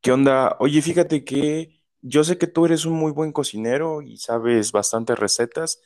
¿Qué onda? Oye, fíjate que yo sé que tú eres un muy buen cocinero y sabes bastantes recetas.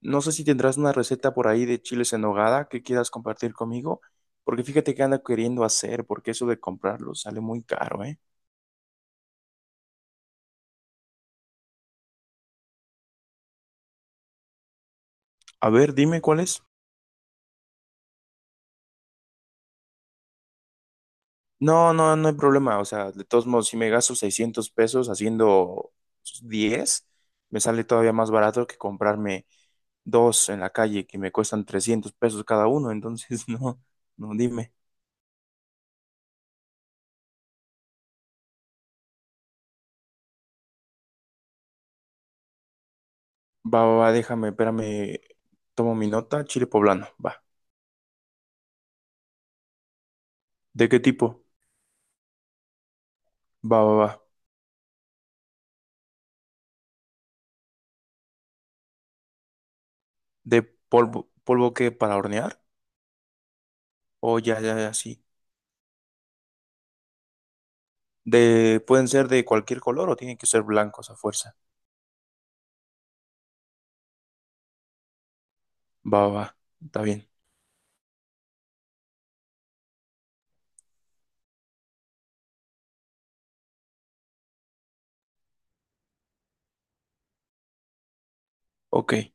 No sé si tendrás una receta por ahí de chiles en nogada que quieras compartir conmigo, porque fíjate que ando queriendo hacer, porque eso de comprarlo sale muy caro, ¿eh? A ver, dime cuál es. No, no, no hay problema. O sea, de todos modos, si me gasto 600 pesos haciendo 10, me sale todavía más barato que comprarme dos en la calle que me cuestan 300 pesos cada uno. Entonces, no, no, dime. Va, va, va, déjame, espérame. Tomo mi nota, chile poblano. Va. ¿De qué tipo? Va, va, va. ¿De polvo, polvo que para hornear? O ya, ya, ya, sí. De, ¿pueden ser de cualquier color o tienen que ser blancos a fuerza? Va, va, va. Está bien. Ok.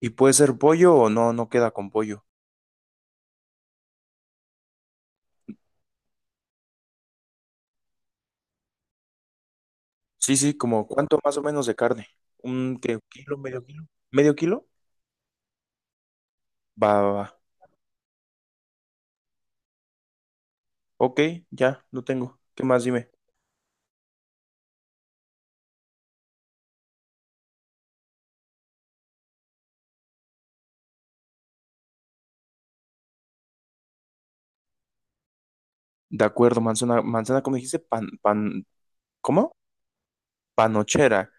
¿Y puede ser pollo o no? No queda con pollo. Sí, sí, como cuánto más o menos de carne. ¿Un qué? ¿Kilo, medio kilo? ¿Medio kilo? Va, va, va. Ok, ya, lo tengo. ¿Qué más dime? De acuerdo, manzana, manzana, ¿cómo dijiste? Pan, pan, ¿cómo? Panochera,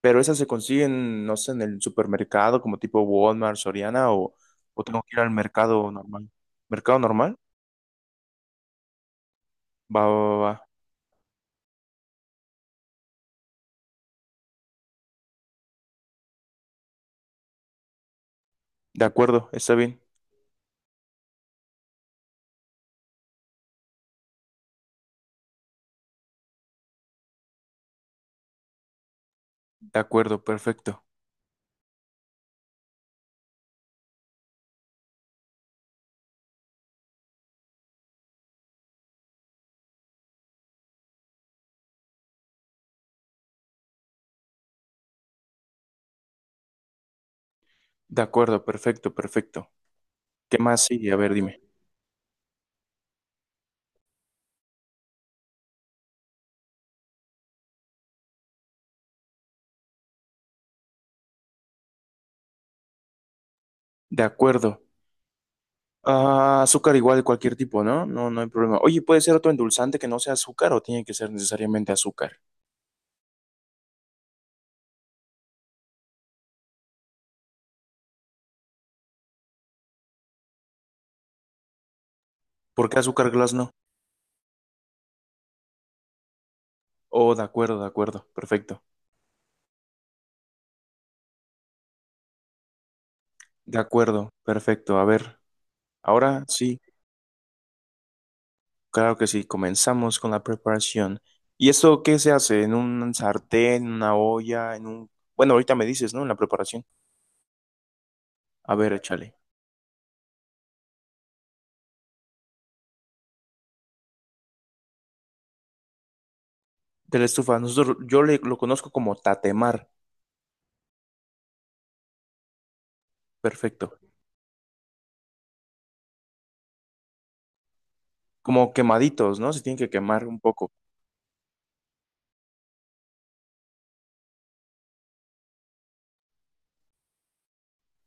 pero esas se consiguen, no sé, en el supermercado como tipo Walmart, Soriana o tengo que ir al mercado normal. ¿Mercado normal? Va, va, va. Va. De acuerdo, está bien. De acuerdo, perfecto. De acuerdo, perfecto, perfecto. ¿Qué más sigue? A ver, dime. De acuerdo. Ah, azúcar igual, cualquier tipo, ¿no? No, no hay problema. Oye, ¿puede ser otro endulzante que no sea azúcar o tiene que ser necesariamente azúcar? ¿Por qué azúcar glass no? Oh, de acuerdo, perfecto. De acuerdo, perfecto. A ver, ahora sí. Claro que sí, comenzamos con la preparación. ¿Y esto qué se hace? ¿En un sartén, en una olla, en un... Bueno, ahorita me dices, ¿no? En la preparación. A ver, échale. De la estufa, nosotros, lo conozco como tatemar. Perfecto. Como quemaditos, ¿no? Se tienen que quemar un poco.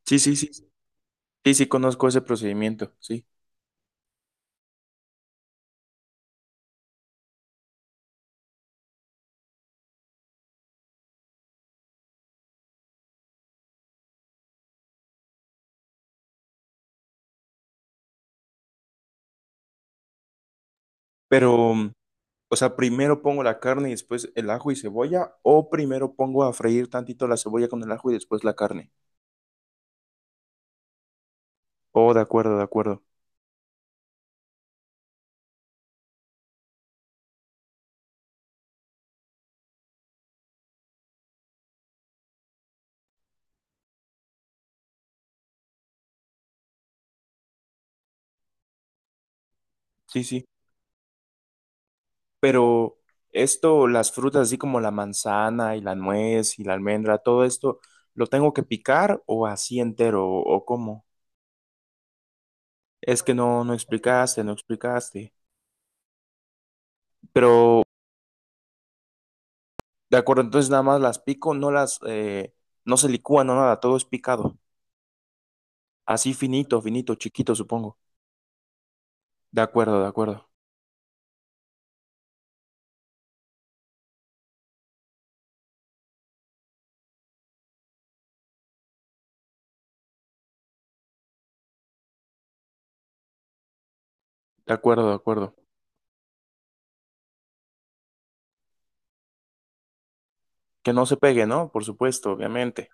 Sí, sí, sí. Sí, sí, conozco ese procedimiento, sí. Pero, o sea, primero pongo la carne y después el ajo y cebolla, o primero pongo a freír tantito la cebolla con el ajo y después la carne. Oh, de acuerdo, de acuerdo. Sí, sí. Pero esto, las frutas así como la manzana y la nuez y la almendra, todo esto, ¿lo tengo que picar o así entero o cómo? Es que no, no explicaste, no explicaste. Pero, de acuerdo, entonces nada más las pico, no las, no se licúan, no nada, todo es picado. Así finito, finito, chiquito, supongo. De acuerdo, de acuerdo, de acuerdo, de acuerdo. Que no se pegue, ¿no? Por supuesto, obviamente.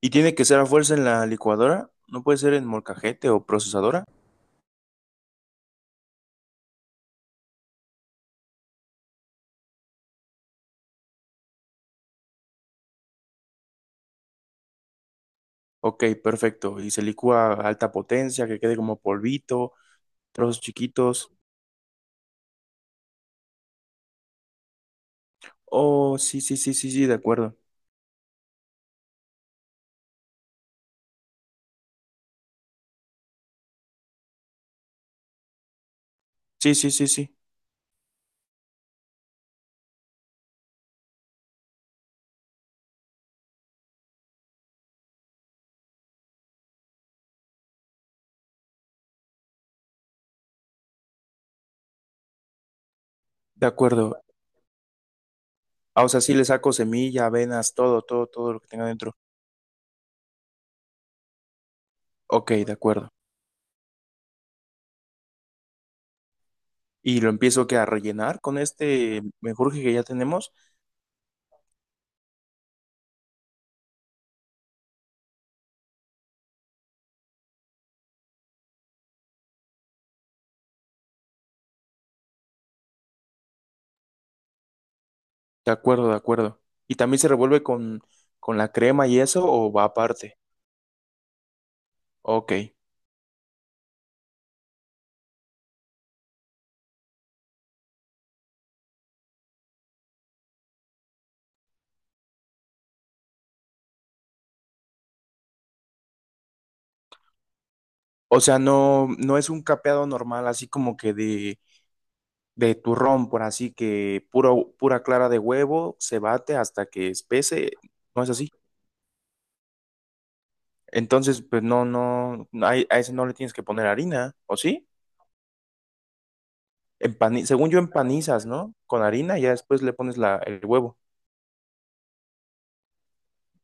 ¿Y tiene que ser a fuerza en la licuadora? ¿No puede ser en molcajete o procesadora? Ok, perfecto. Y se licúa a alta potencia, que quede como polvito, trozos chiquitos. Oh, sí, sí, sí, sí, sí, de acuerdo. Sí, sí, sí, sí, de acuerdo. Ah, o sea, sí le saco semilla, avenas, todo, todo, todo lo que tenga dentro. Ok, de acuerdo. Y lo empiezo que a rellenar con este menjurje que ya tenemos. De acuerdo, de acuerdo. Y también se revuelve con la crema y eso, o va aparte. Ok. O sea, no, no es un capeado normal, así como que de turrón, por así que puro, pura clara de huevo se bate hasta que espese, no es así. Entonces, pues no, no, a ese no le tienes que poner harina, ¿o sí? Según yo empanizas, ¿no? Con harina y ya después le pones la, el huevo.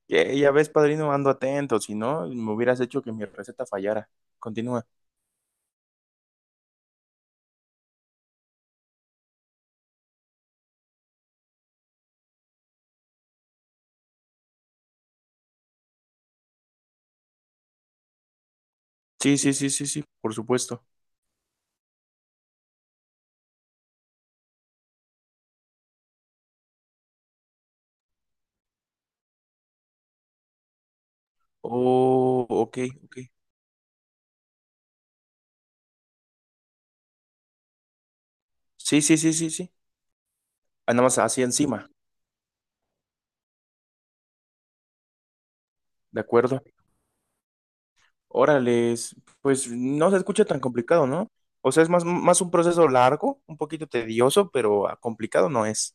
Ya, ves, padrino, ando atento, si no, me hubieras hecho que mi receta fallara. Continúa. Sí, sí, sí, sí, sí, por supuesto. Oh, ok, ok. Sí, sí, sí, sí, sí. Ah, nada más así encima, ¿de acuerdo? Órales, pues no se escucha tan complicado, ¿no? O sea, es más, más un proceso largo, un poquito tedioso, pero ah, complicado no es.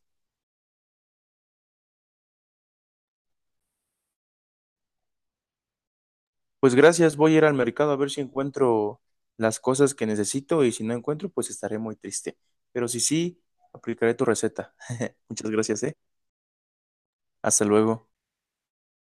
Pues gracias, voy a ir al mercado a ver si encuentro las cosas que necesito y si no encuentro, pues estaré muy triste. Pero si sí, aplicaré tu receta. Muchas gracias, ¿eh? Hasta luego.